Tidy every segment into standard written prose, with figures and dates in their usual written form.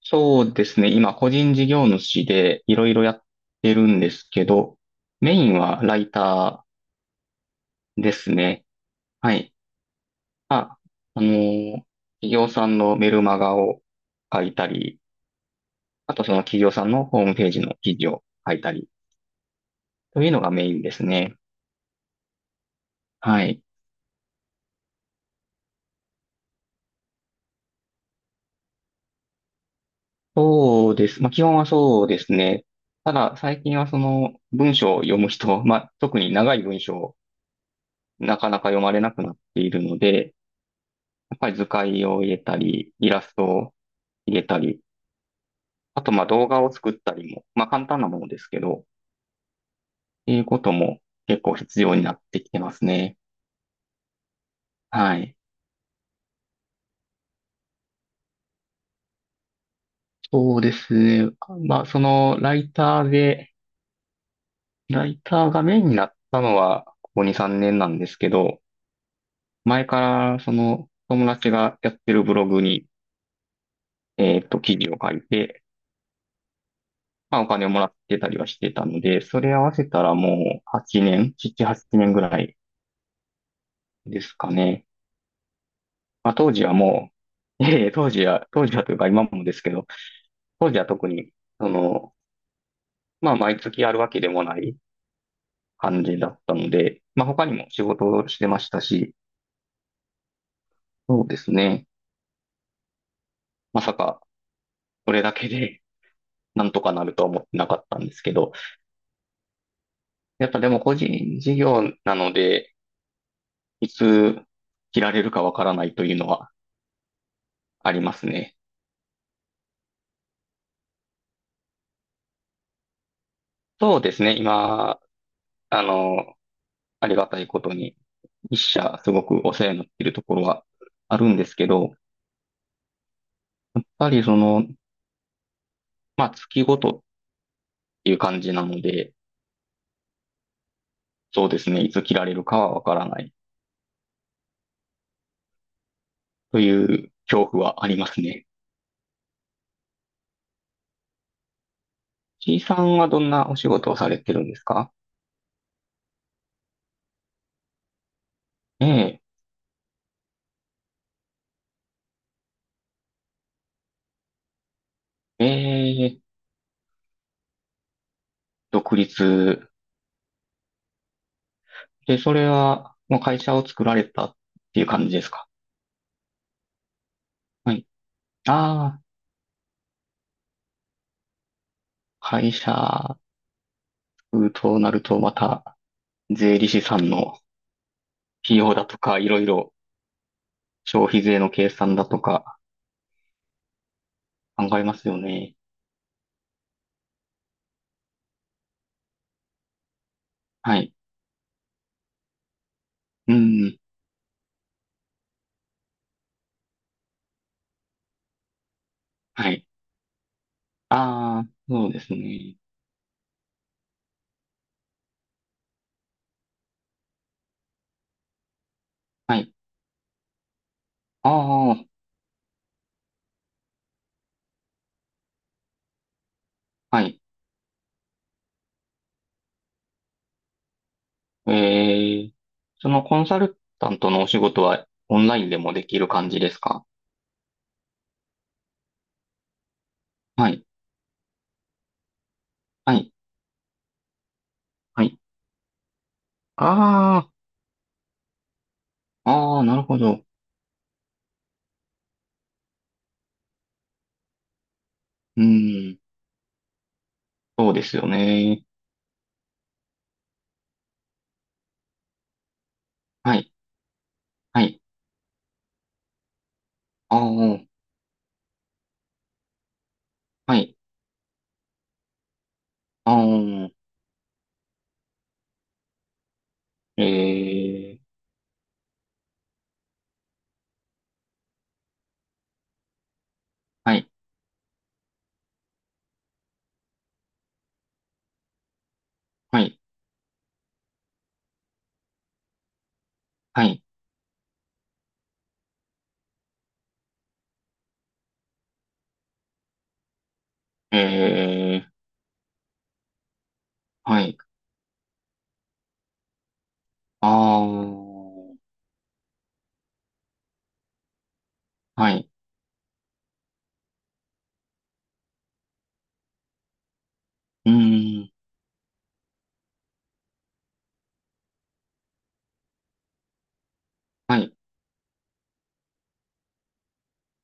そうですね。今、個人事業主でいろいろやってるんですけど、メインはライターですね。はい。あ、あのー企業さんのメルマガを書いたり、あとその企業さんのホームページの記事を書いたり、というのがメインですね。はい。そうです。まあ、基本はそうですね。ただ、最近はその文章を読む人、まあ、特に長い文章をなかなか読まれなくなっているので、やっぱり図解を入れたり、イラストを入れたり、あとまあ動画を作ったりも、まあ簡単なものですけど、っていうことも結構必要になってきてますね。はい。そうですね。まあそのライターで、ライターがメインになったのはここ2、3年なんですけど、前からその友達がやってるブログに、記事を書いて、まあお金をもらってたりはしてたので、それ合わせたらもう8年、7、8年ぐらいですかね。まあ、当時はもう、いえいえ、当時は、当時はというか今もですけど、当時は特に、その、まあ、毎月あるわけでもない感じだったので、まあ、他にも仕事をしてましたし、そうですね。まさか、それだけで なんとかなるとは思ってなかったんですけど、やっぱでも個人事業なので、いつ切られるかわからないというのはありますね。そうですね。今、あの、ありがたいことに、一社すごくお世話になっているところはあるんですけど、やっぱりその、まあ月ごとっていう感じなので、そうですね、いつ切られるかはわからないという恐怖はありますね。C さんはどんなお仕事をされてるんですか？ええ、ええ、独立。で、それはもう会社を作られたっていう感じですか？はい。ああ、会社となるとまた税理士さんの費用だとか、いろいろ消費税の計算だとか考えますよね。はい。うん。はい。ああ、そうですね。はい。ああ、はい。ええ、そのコンサルタントのお仕事はオンラインでもできる感じですか？はい。はい。はい。ああ、ああ、なるほど。うん、そうですよね。はい。はい。ああ、はい。ああ、ええ、はい。はい。はい。ええ、はい。ああ、はい。うん、はい。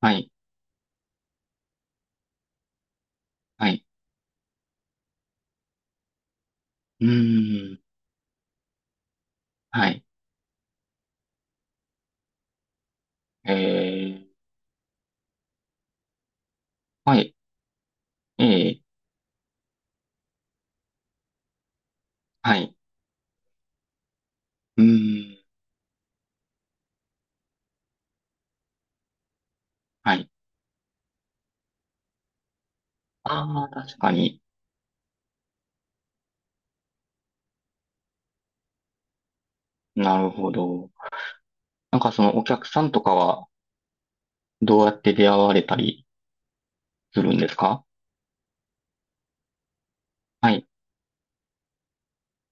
はい。はい。うん、はい。ええ。はい。ええ、はい。うーん。はい。ああ、確かに。なるほど。なんかそのお客さんとかはどうやって出会われたりするんですか？はい。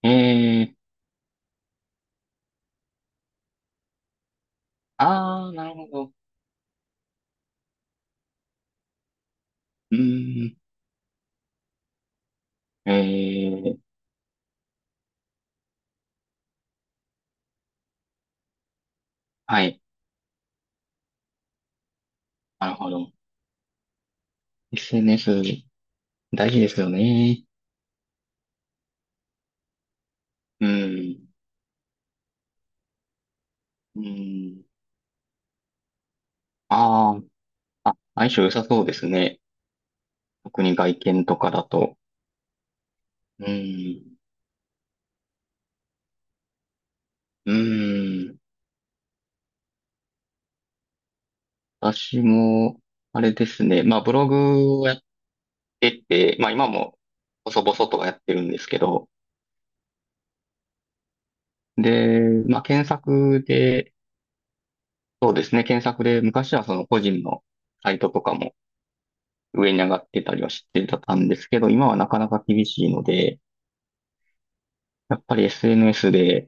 ええ、ああ、なるほど。うーん。ええ、はい。なるほど。SNS 大事ですよね。うん。うん。ああ、相性良さそうですね。特に外見とかだと。うん。うん。私も、あれですね。まあ、ブログをやってて、まあ、今も、細々とはやってるんですけど、で、まあ、検索で、そうですね、検索で、昔はその個人のサイトとかも上に上がってたりはしてたんですけど、今はなかなか厳しいので、やっぱり SNS で、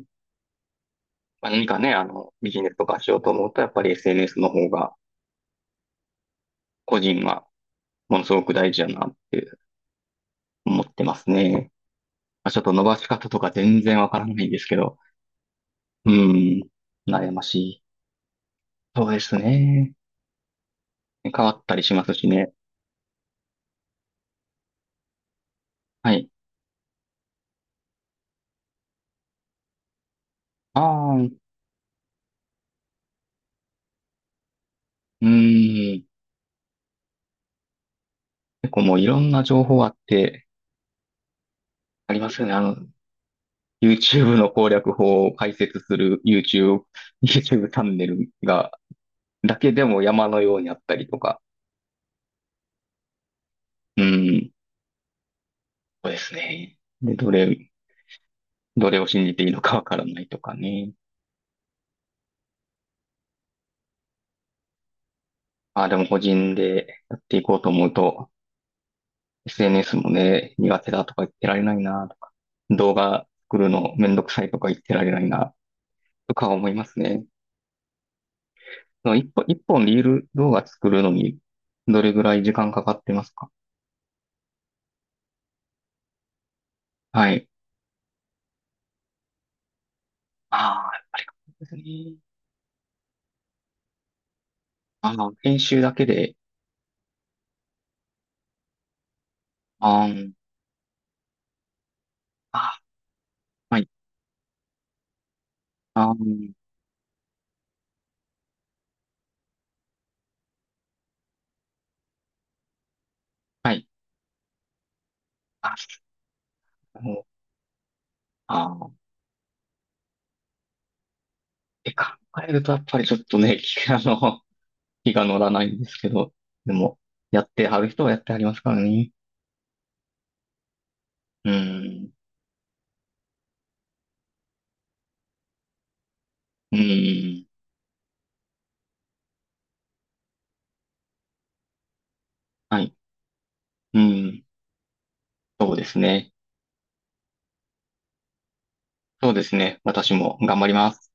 まあ、何かね、あの、ビジネスとかしようと思うと、やっぱり SNS の方が、個人はものすごく大事だなって思ってますね。まあ、ちょっと伸ばし方とか全然わからないんですけど、うん。悩ましい。そうですね。変わったりしますしね。はい。ああ、うん。結構もういろんな情報あって、ありますよね。あの、YouTube の攻略法を解説する YouTube チャンネルが、だけでも山のようにあったりとか。うん。そうですね。で、どれを信じていいのかわからないとかね。ああ、でも個人でやっていこうと思うと、SNS もね、苦手だとか言ってられないなとか、動画作るのめんどくさいとか言ってられないなとか思いますね。その一本、一本リール動画作るのにどれぐらい時間かかってますか？はい。ああ、そうですね。あの、編集だけで、あーんあー、はい、あーんはい、あ、もう、あー、って考えるとやっぱりちょっとね、気あの、気が乗らないんですけど、でも、やってはる人はやってはりますからね。うーん。うーん。はい。うん。そうですね。そうですね。私も頑張ります。